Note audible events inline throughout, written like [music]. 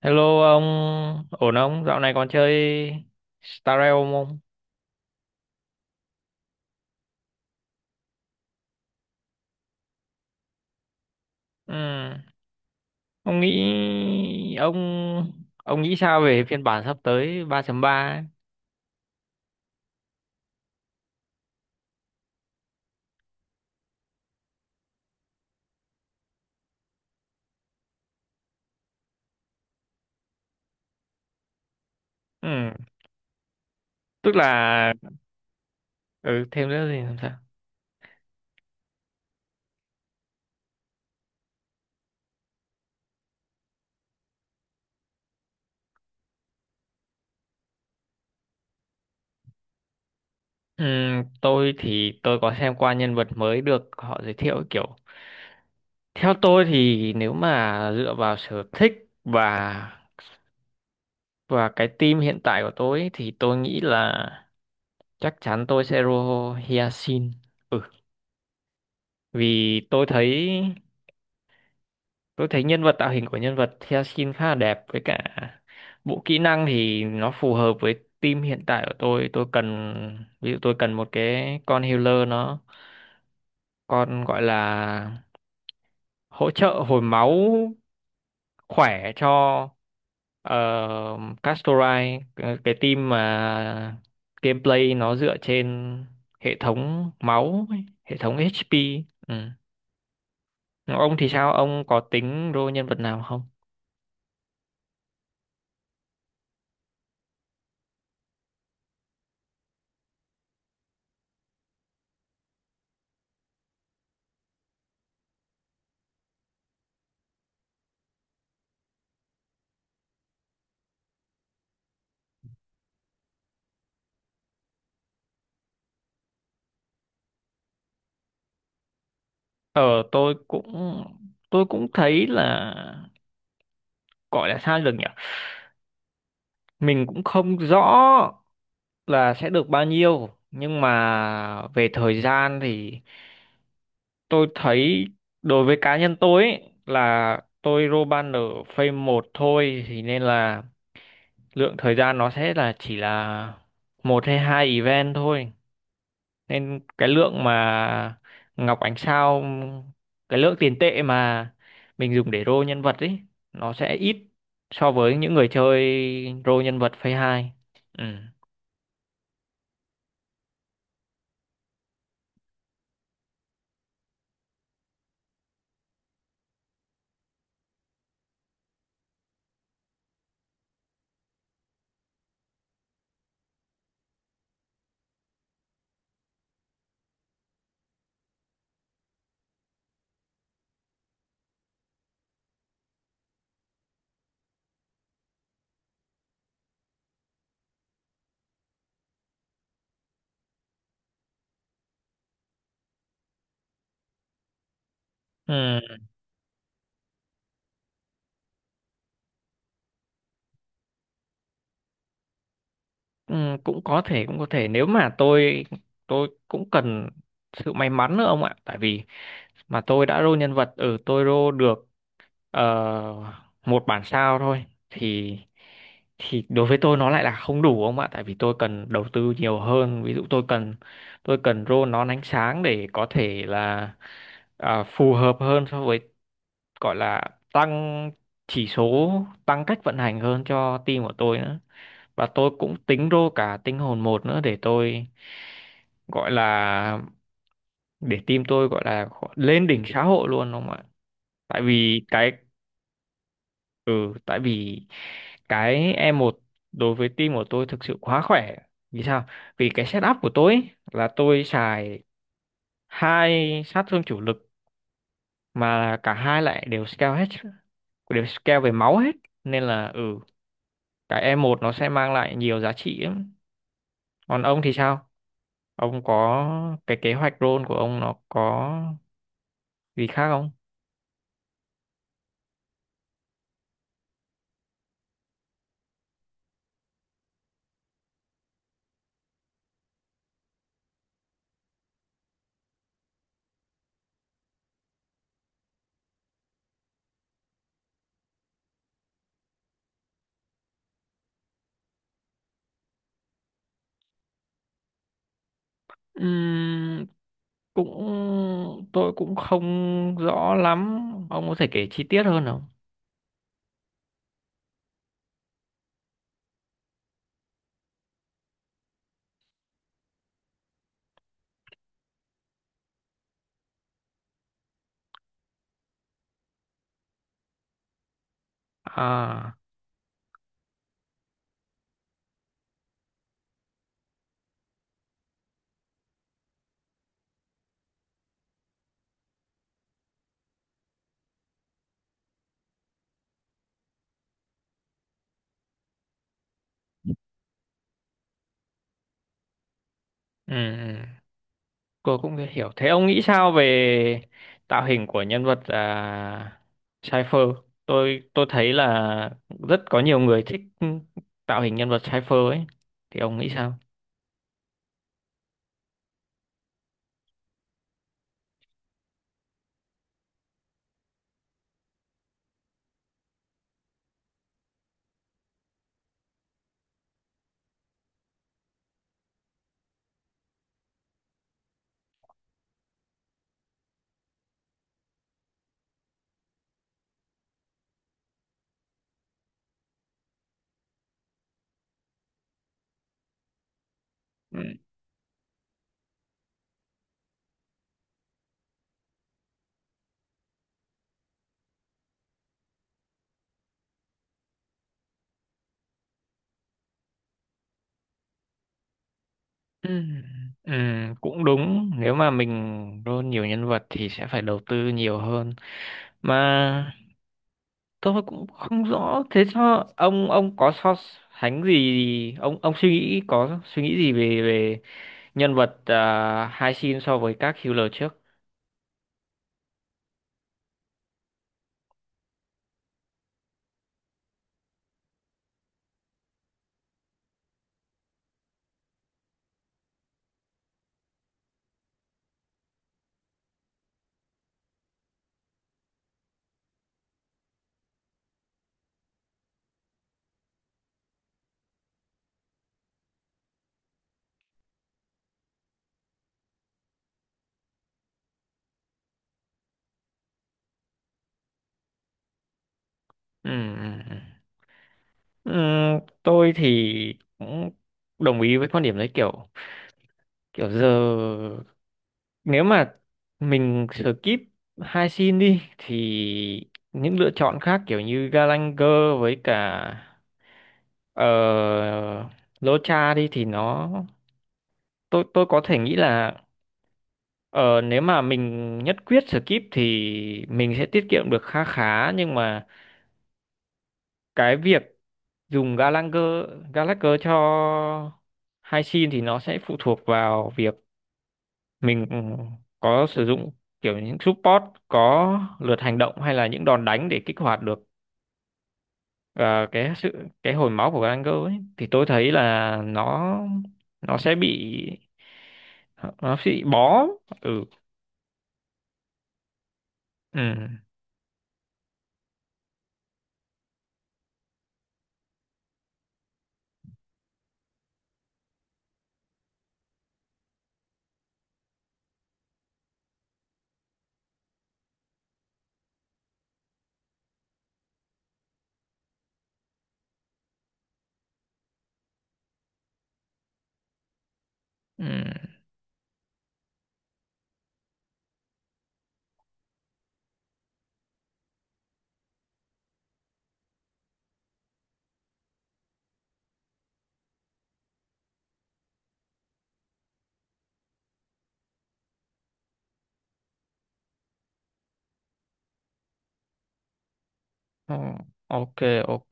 Hello ông, ổn không? Dạo này còn chơi Star Realm không? Ừ. Ông nghĩ ông ông nghĩ sao về phiên bản sắp tới 3.3 ấy? Ừ. Tức là. Ừ, Thêm nữa thì làm sao? Ừ, tôi thì tôi có xem qua nhân vật mới được họ giới thiệu ấy, kiểu theo tôi thì nếu mà dựa vào sở thích và và cái team hiện tại của tôi ấy, thì tôi nghĩ là chắc chắn tôi sẽ roll Hyacinth. Ừ, vì tôi thấy nhân vật, tạo hình của nhân vật Theosin khá là đẹp, với cả bộ kỹ năng thì nó phù hợp với team hiện tại của tôi. Tôi cần ví dụ tôi cần một cái con healer, nó, con gọi là hỗ trợ hồi máu khỏe cho Castorai, cái team mà gameplay nó dựa trên hệ thống máu ấy, hệ thống HP. Ừ. Ông thì sao? Ông có tính role nhân vật nào không? Ờ tôi cũng tôi cũng thấy là, gọi là sao được nhỉ? Mình cũng không rõ là sẽ được bao nhiêu, nhưng mà về thời gian thì tôi thấy, đối với cá nhân tôi ấy, là tôi roll ban ở phase một thôi, thì nên là lượng thời gian nó sẽ là, chỉ là một hay hai event thôi, nên cái lượng mà ngọc ánh sao, cái lượng tiền tệ mà mình dùng để roll nhân vật ấy, nó sẽ ít so với những người chơi roll nhân vật phase hai. Ừ. Ừ. Ừ. Cũng có thể, cũng có thể, nếu mà tôi cũng cần sự may mắn nữa ông ạ, tại vì mà tôi đã roll nhân vật ở, tôi roll được ờ, một bản sao thôi, thì đối với tôi nó lại là không đủ ông ạ, tại vì tôi cần đầu tư nhiều hơn. Ví dụ tôi cần rô nón ánh sáng, để có thể là phù hợp hơn so với, gọi là, tăng chỉ số, tăng cách vận hành hơn cho team của tôi nữa. Và tôi cũng tính rô cả tinh hồn một nữa, để tôi, gọi là, để team tôi, gọi là, lên đỉnh xã hội luôn, đúng không ạ? Tại vì cái, ừ, tại vì cái e một đối với team của tôi thực sự quá khỏe. Vì sao? Vì cái setup của tôi ấy, là tôi xài hai sát thương chủ lực, mà cả hai lại đều scale hết, đều scale về máu hết. Nên là cái e một nó sẽ mang lại nhiều giá trị lắm. Còn ông thì sao? Ông có cái kế hoạch role của ông, nó có gì khác không? Ừm, cũng tôi cũng không rõ lắm, ông có thể kể chi tiết hơn không? À, ừ, ừ. Cô cũng hiểu. Thế ông nghĩ sao về tạo hình của nhân vật, Cypher? Tôi thấy là rất có nhiều người thích tạo hình nhân vật Cypher ấy. Thì ông nghĩ sao? Ừ. Ừ, ừ, cũng đúng. Nếu mà mình roll nhiều nhân vật thì sẽ phải đầu tư nhiều hơn. Mà tôi cũng không rõ. Thế cho ông có so sánh gì? Ông suy nghĩ có suy nghĩ gì về về nhân vật, hai xin, so với các healer trước? Ừm, ừm, ừm. Tôi thì cũng đồng ý với quan điểm đấy, kiểu kiểu giờ nếu mà mình skip hai xin đi, thì những lựa chọn khác kiểu như Galanger với cả, uh, Locha đi thì nó, tôi có thể nghĩ là, ờ, nếu mà mình nhất quyết skip thì mình sẽ tiết kiệm được khá khá, nhưng mà cái việc dùng Gallagher Gallagher cho hai sim thì nó sẽ phụ thuộc vào việc mình, có sử dụng kiểu những support có lượt hành động, hay là những đòn đánh để kích hoạt được ờ, cái sự cái hồi máu của Gallagher ấy, thì tôi thấy là nó sẽ bị nó sẽ bị bó. Ừ. Ừ, ừ. Ờ, ok, ok,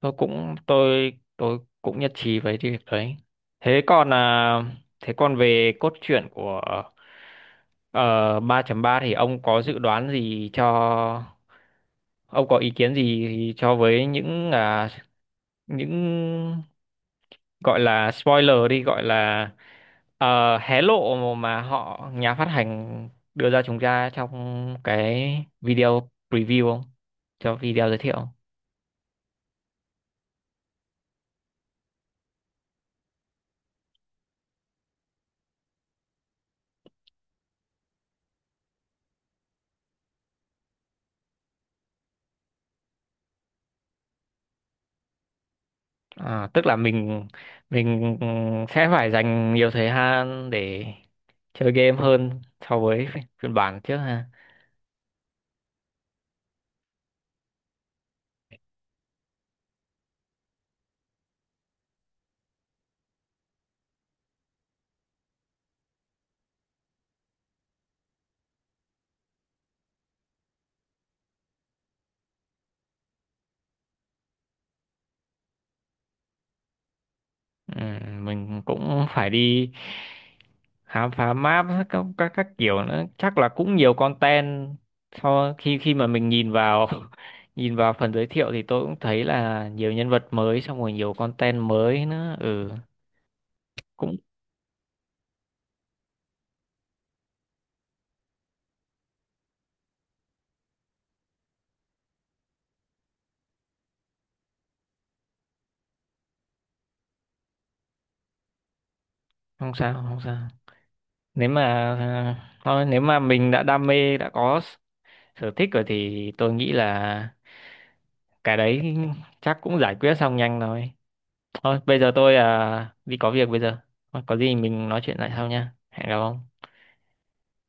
tôi cũng nhất trí với cái việc đấy. Thế còn à, thế còn về cốt truyện của ờ, 3.3, thì ông có ý kiến gì cho, với những, những gọi là spoiler đi, gọi là hé lộ, mà nhà phát hành đưa ra chúng ta trong cái video preview không? Cho video giới thiệu. À, tức là mình sẽ phải dành nhiều thời gian để chơi game hơn so với phiên bản trước ha. Ừ, mình cũng phải đi khám phá map, các kiểu nữa, chắc là cũng nhiều content. Sau khi khi mà mình nhìn vào [laughs] nhìn vào phần giới thiệu, thì tôi cũng thấy là nhiều nhân vật mới, xong rồi nhiều content mới nữa. Ừ, cũng không sao, không sao. Nếu mà à, thôi nếu mà mình đã đam mê, đã có sở thích rồi, thì tôi nghĩ là cái đấy chắc cũng giải quyết xong nhanh thôi. Thôi bây giờ tôi đi có việc bây giờ, có gì mình nói chuyện lại sau nha. Hẹn gặp ông.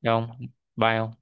Gặp ông. Bye ông.